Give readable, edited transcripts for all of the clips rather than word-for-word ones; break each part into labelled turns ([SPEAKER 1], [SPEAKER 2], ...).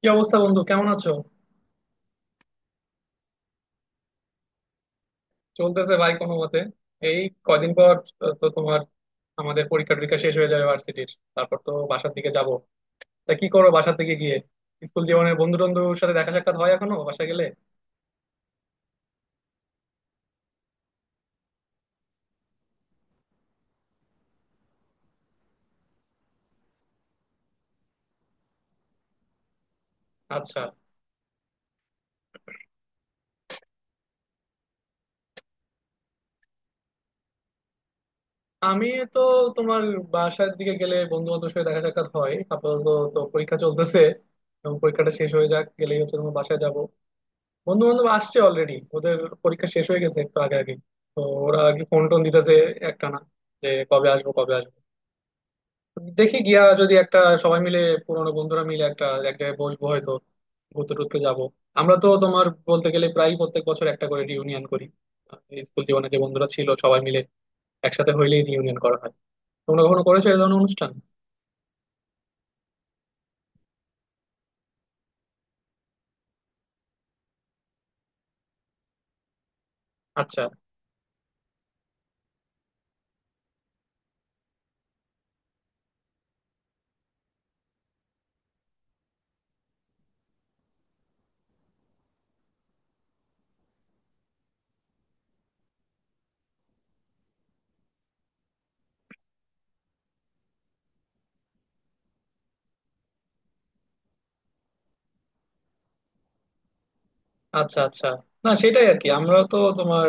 [SPEAKER 1] কি অবস্থা বন্ধু, কেমন আছো? চলতেছে ভাই কোনো মতে। এই কয়দিন পর তো তোমার আমাদের পরীক্ষা টরীক্ষা শেষ হয়ে যাবে ভার্সিটির। তারপর তো বাসার দিকে যাব। তা কি করো বাসার দিকে গিয়ে? স্কুল জীবনের বন্ধু টন্ধুর সাথে দেখা সাক্ষাৎ হয় এখনো বাসায় গেলে? আচ্ছা। আমি তো তোমার বাসার দিকে গেলে বন্ধু বান্ধবের সাথে দেখা সাক্ষাৎ হয় আপাতত। তো পরীক্ষা চলতেছে, এবং পরীক্ষাটা শেষ হয়ে যাক গেলেই হচ্ছে তোমার বাসায় যাব। বন্ধু বান্ধব আসছে অলরেডি, ওদের পরীক্ষা শেষ হয়ে গেছে একটু আগে আগে। তো ওরা আর কি ফোন টোন দিতেছে একটানা, যে কবে আসবো কবে আসবো। দেখি গিয়া যদি একটা সবাই মিলে, পুরোনো বন্ধুরা মিলে একটা এক জায়গায় বসবো হয়তো, ঘুরতে টুরতে যাবো। আমরা তো তোমার বলতে গেলে প্রায় প্রত্যেক বছর একটা করে রিউনিয়ন করি। আহ, স্কুল জীবনে যে বন্ধুরা ছিল সবাই মিলে একসাথে হইলেই রিউনিয়ন করা হয়। তোমরা কখনো করেছো এই ধরনের অনুষ্ঠান? আচ্ছা আচ্ছা আচ্ছা। না সেটাই আর কি, আমরা তো তোমার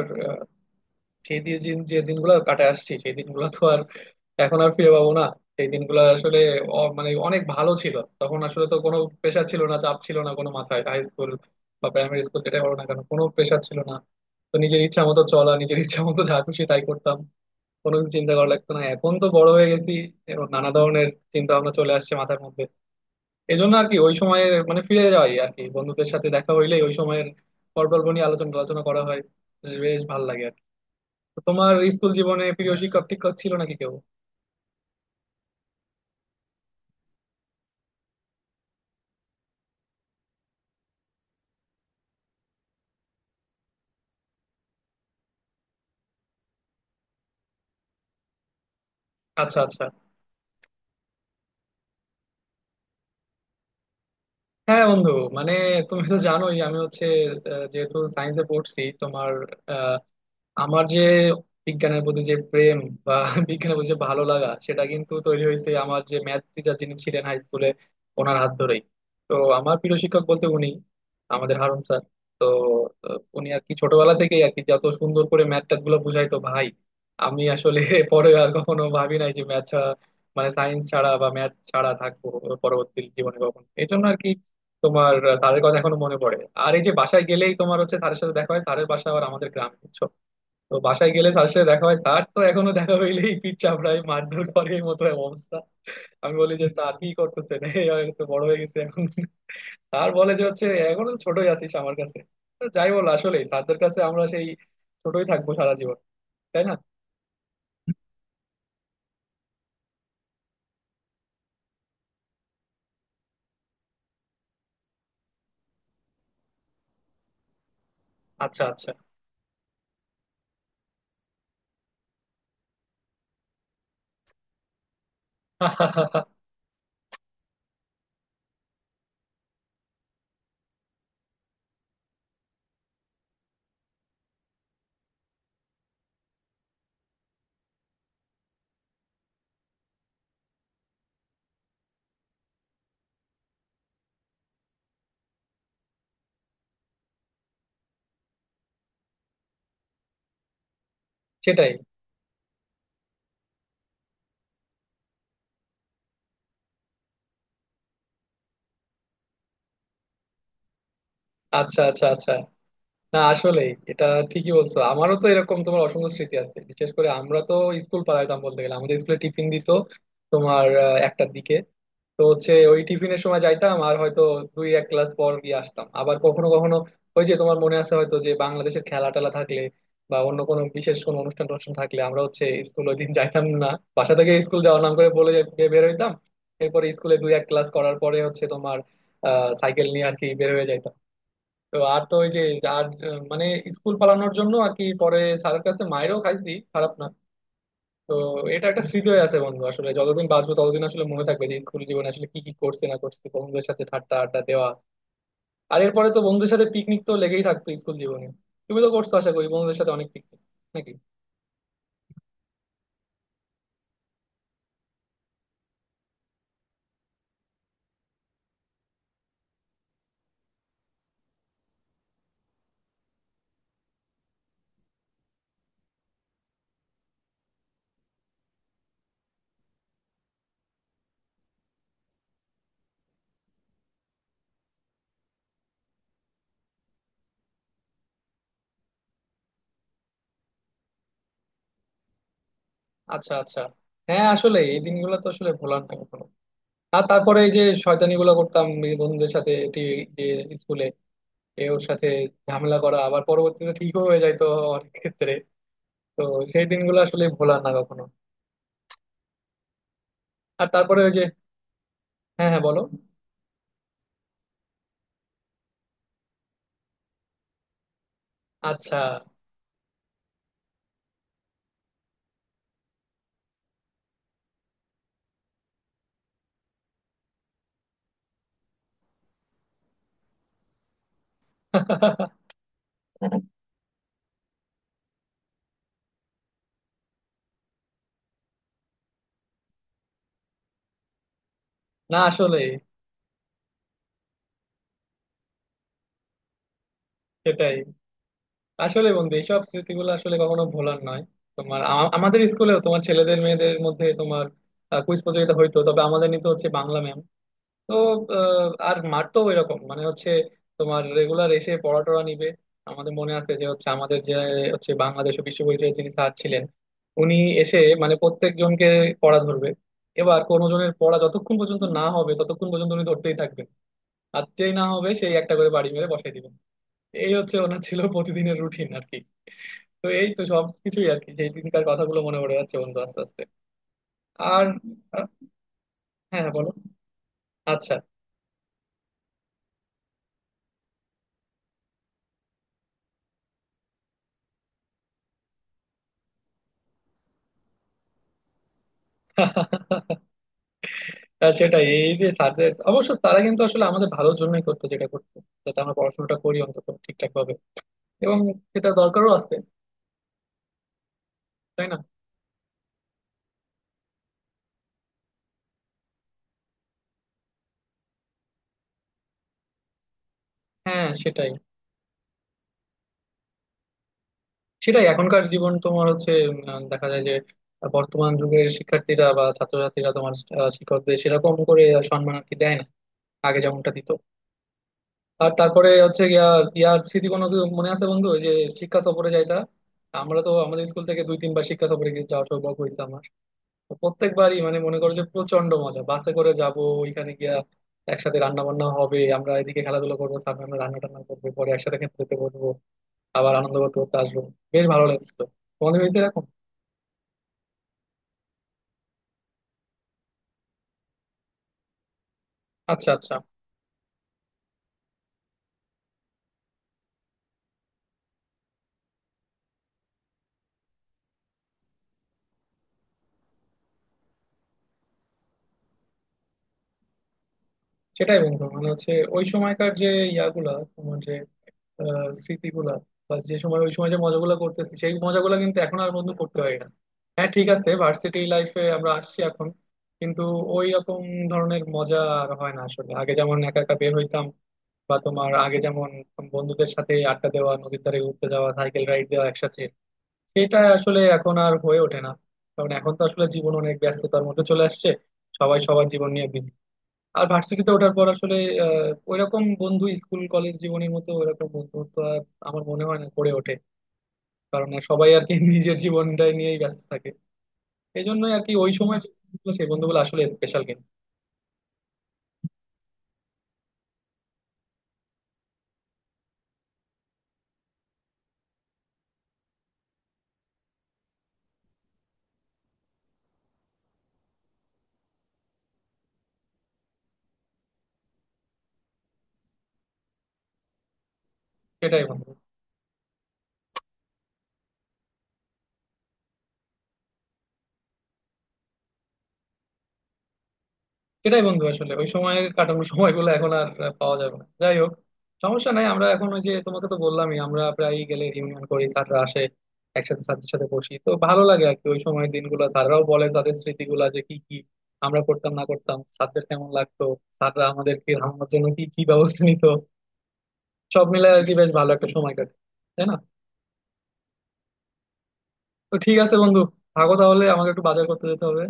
[SPEAKER 1] সেই দিয়ে যে যে দিনগুলো কাটে আসছি সেই দিনগুলো তো আর এখন আর ফিরে পাবো না। সেই দিনগুলো আসলে মানে অনেক ভালো ছিল, তখন আসলে তো কোনো প্রেশার ছিল না, চাপ ছিল না কোনো মাথায়। হাই স্কুল বা প্রাইমারি স্কুল যেটাই বলো না কেন, কোনো প্রেশার ছিল না। তো নিজের ইচ্ছা মতো চলা, নিজের ইচ্ছা মতো যা খুশি তাই করতাম, কোনো কিছু চিন্তা করা লাগতো না। এখন তো বড় হয়ে গেছি এবং নানা ধরনের চিন্তা ভাবনা চলে আসছে মাথার মধ্যে। এই জন্য আর কি ওই সময়ে মানে ফিরে যাই আর কি, বন্ধুদের সাথে দেখা হইলেই ওই সময়ের গল্প নিয়ে আলোচনা আলোচনা করা হয়, বেশ ভালো লাগে আর কি। তো তোমার স্কুল জীবনে প্রিয় শিক্ষক টিক্ষক ছিল নাকি কেউ? আচ্ছা আচ্ছা। হ্যাঁ বন্ধু, মানে তুমি তো জানোই আমি হচ্ছে যেহেতু সায়েন্সে পড়ছি তোমার, আমার যে বিজ্ঞানের প্রতি যে প্রেম বা বিজ্ঞানের প্রতি যে ভালো লাগা সেটা কিন্তু তৈরি হয়েছে আমার যে ম্যাথ টিচার যিনি ছিলেন হাই স্কুলে ওনার হাত ধরেই। তো আমার প্রিয় শিক্ষক বলতে উনি, আমাদের হারুন স্যার। তো উনি আর কি ছোটবেলা থেকেই আর কি যত সুন্দর করে ম্যাথ ট্যাথ গুলো বুঝাইতো ভাই, আমি আসলে পরে আর কখনো ভাবি নাই যে ম্যাথ ছাড়া মানে সায়েন্স ছাড়া বা ম্যাথ ছাড়া থাকবো পরবর্তী জীবনে কখন। এই জন্য আর কি তোমার স্যারের কথা এখনো মনে পড়ে। আর এই যে বাসায় গেলেই তোমার হচ্ছে স্যারের সাথে দেখা হয়, স্যারের বাসা আবার আমাদের গ্রাম। তো বাসায় গেলে স্যারের সাথে দেখা হয়, স্যার তো এখনো দেখা হইলেই পিঠ চাপড়ায় মারধর করে এই মতো অবস্থা। আমি বলি যে স্যার কি করতেছেন এই আমি তো বড় হয়ে গেছে এখন। স্যার বলে যে হচ্ছে এখনো তো ছোটই আছিস আমার কাছে। তো যাই বল আসলে স্যারদের কাছে আমরা সেই ছোটই থাকবো সারা জীবন, তাই না? আচ্ছা আচ্ছা। সেটাই। আচ্ছা আচ্ছা আচ্ছা। না আসলে এটা ঠিকই বলছো, আমারও তো এরকম তোমার অসংখ্য স্মৃতি আছে। বিশেষ করে আমরা তো স্কুল পালাইতাম বলতে গেলে, আমাদের স্কুলে টিফিন দিত তোমার একটার দিকে। তো হচ্ছে ওই টিফিনের সময় যাইতাম আর হয়তো দুই এক ক্লাস পর গিয়ে আসতাম। আবার কখনো কখনো ওই যে তোমার মনে আছে হয়তো, যে বাংলাদেশের খেলা টেলা থাকলে বা অন্য কোনো বিশেষ কোনো অনুষ্ঠান টনুষ্ঠান থাকলে আমরা হচ্ছে স্কুল ওই দিন যাইতাম না। বাসা থেকে স্কুল যাওয়ার নাম করে বলে বের হইতাম। এরপরে স্কুলে দুই এক ক্লাস করার পরে হচ্ছে তোমার সাইকেল নিয়ে আর কি বের হয়ে যাইতাম। তো আর তো ওই যে আর মানে স্কুল পালানোর জন্য আর কি পরে স্যারের কাছে মাইরও খাইছি খারাপ না। তো এটা একটা স্মৃতি হয়ে আছে বন্ধু, আসলে যতদিন বাঁচবো ততদিন আসলে মনে থাকবে যে স্কুল জীবনে আসলে কি কি করছি না করছি, বন্ধুদের সাথে ঠাট্টা আড্ডা দেওয়া। আর এরপরে তো বন্ধুদের সাথে পিকনিক তো লেগেই থাকতো স্কুল জীবনে। তুমি তো করছো আশা করি বন্ধুদের সাথে অনেক পিকনিক, নাকি? আচ্ছা আচ্ছা। হ্যাঁ আসলে এই দিনগুলো তো আসলে ভোলার না কখনো। আর তারপরে এই যে শয়তানি গুলো করতাম এই বন্ধুদের সাথে, এটি যে স্কুলে এ ওর সাথে ঝামেলা করা আবার পরবর্তীতে ঠিকও হয়ে যায় তো অনেক ক্ষেত্রে। তো সেই দিনগুলো আসলে ভোলার না কখনো। আর তারপরে ওই যে হ্যাঁ হ্যাঁ বলো। আচ্ছা। না আসলে সেটাই আসলে বন্ধু এইসব স্মৃতিগুলো আসলে কখনো ভোলার নয়। তোমার আমাদের স্কুলেও তোমার ছেলেদের মেয়েদের মধ্যে তোমার কুইজ প্রতিযোগিতা হইতো, তবে আমাদের নিতে হচ্ছে বাংলা ম্যাম। তো আর মারতো এরকম মানে হচ্ছে তোমার রেগুলার এসে পড়া টড়া নিবে। আমাদের মনে আছে যে হচ্ছে আমাদের যে হচ্ছে বাংলাদেশ ও বিশ্ব পরিচয়ের যিনি স্যার ছিলেন, উনি এসে মানে প্রত্যেক জনকে পড়া ধরবে। এবার কোনো জনের পড়া যতক্ষণ পর্যন্ত না হবে ততক্ষণ পর্যন্ত উনি ধরতেই থাকবেন। আর যেই না হবে সেই একটা করে বাড়ি মেরে বসাই দিবেন। এই হচ্ছে ওনার ছিল প্রতিদিনের রুটিন আর কি। তো এই তো সবকিছুই আর কি সেই দিনকার কথাগুলো মনে পড়ে যাচ্ছে বন্ধু আস্তে আস্তে। আর আহ, হ্যাঁ হ্যাঁ, বলো। আচ্ছা। আর সেটাই, এই যে স্যারদের অবশ্য তারা কিন্তু আসলে আমাদের ভালোর জন্যই করতো যেটা করতো, যাতে আমরা পড়াশোনাটা করি অন্তত ঠিকঠাক ভাবে, এবং সেটা দরকারও আছে, তাই না? হ্যাঁ সেটাই। সেটাই এখনকার জীবন তোমার হচ্ছে দেখা যায় যে বর্তমান যুগের শিক্ষার্থীরা বা ছাত্রছাত্রীরা তোমার শিক্ষকদের সেরকম করে সম্মান আর কি দেয় না আগে যেমনটা দিত। আর তারপরে হচ্ছে গিয়া ইয়ার স্মৃতি কোনো কি মনে আছে বন্ধু ওই যে শিক্ষা সফরে যাইতা? আমরা তো আমাদের স্কুল থেকে দুই তিনবার শিক্ষা সফরে গিয়ে যাওয়ার সৌভাগ্য হয়েছে আমার। তো প্রত্যেকবারই মানে মনে করো যে প্রচন্ড মজা, বাসে করে যাব ওইখানে গিয়া একসাথে রান্না বান্না হবে, আমরা এদিকে খেলাধুলা করবো, সামনে আমরা রান্না টান্না করবো পরে একসাথে খেতে যেতে বলবো, আবার আনন্দ করতে করতে আসবো। বেশ ভালো লাগছিল। তোমাদের হয়েছে এরকম? আচ্ছা আচ্ছা। সেটাই বন্ধু মানে হচ্ছে ওই সময়কার যে ইয়াগুলা তোমার যে স্মৃতিগুলা বা যে সময় ওই সময় যে মজাগুলো করতেছি সেই মজাগুলো কিন্তু এখন আর বন্ধু করতে পারি না। হ্যাঁ ঠিক আছে, ভার্সিটি লাইফে আমরা আসছি এখন কিন্তু ওই রকম ধরনের মজা আর হয় না আসলে। আগে যেমন একা একা বের হইতাম বা তোমার আগে যেমন বন্ধুদের সাথে আড্ডা দেওয়া, নদীর ধারে ঘুরতে যাওয়া, সাইকেল রাইড দেওয়া একসাথে, সেটা আসলে এখন আর হয়ে ওঠে না। কারণ এখন তো আসলে জীবন অনেক ব্যস্ততার মধ্যে চলে আসছে, সবাই সবার জীবন নিয়ে বিজি। আর ভার্সিটিতে ওঠার পর আসলে ওইরকম বন্ধু স্কুল কলেজ জীবনের মতো ওইরকম বন্ধুত্ব আর আমার মনে হয় না গড়ে ওঠে। কারণ আর সবাই আর কি নিজের জীবনটাই নিয়েই ব্যস্ত থাকে। এই জন্যই আর কি ওই সময় যে বন্ধুগুলো, সেই বন্ধুগুলো আসলে স্পেশাল কিন্তু। সেটাই বন্ধু। সেটাই বন্ধু আসলে, ওই সময় কাটানোর সময়গুলো এখন আর পাওয়া যাবে না। যাই হোক সমস্যা নাই, আমরা এখন ওই যে তোমাকে তো বললামই আমরা প্রায় গেলে রিউনিয়ন করি, স্যাররা আসে, একসাথে স্যারদের সাথে বসি তো ভালো লাগে আর কি। ওই সময়ের দিনগুলো স্যাররাও বলে তাদের স্মৃতিগুলা, যে কি কি আমরা করতাম না করতাম, স্যারদের কেমন লাগতো, স্যাররা আমাদেরকে আমার জন্য কি কি ব্যবস্থা নিত। সব মিলে আর কি বেশ ভালো একটা সময় কাটে, তাই না? তো ঠিক আছে বন্ধু, থাকো তাহলে, আমাকে একটু বাজার করতে যেতে হবে,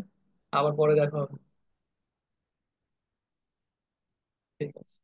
[SPEAKER 1] আবার পরে দেখা হবে। ঠিক আছে।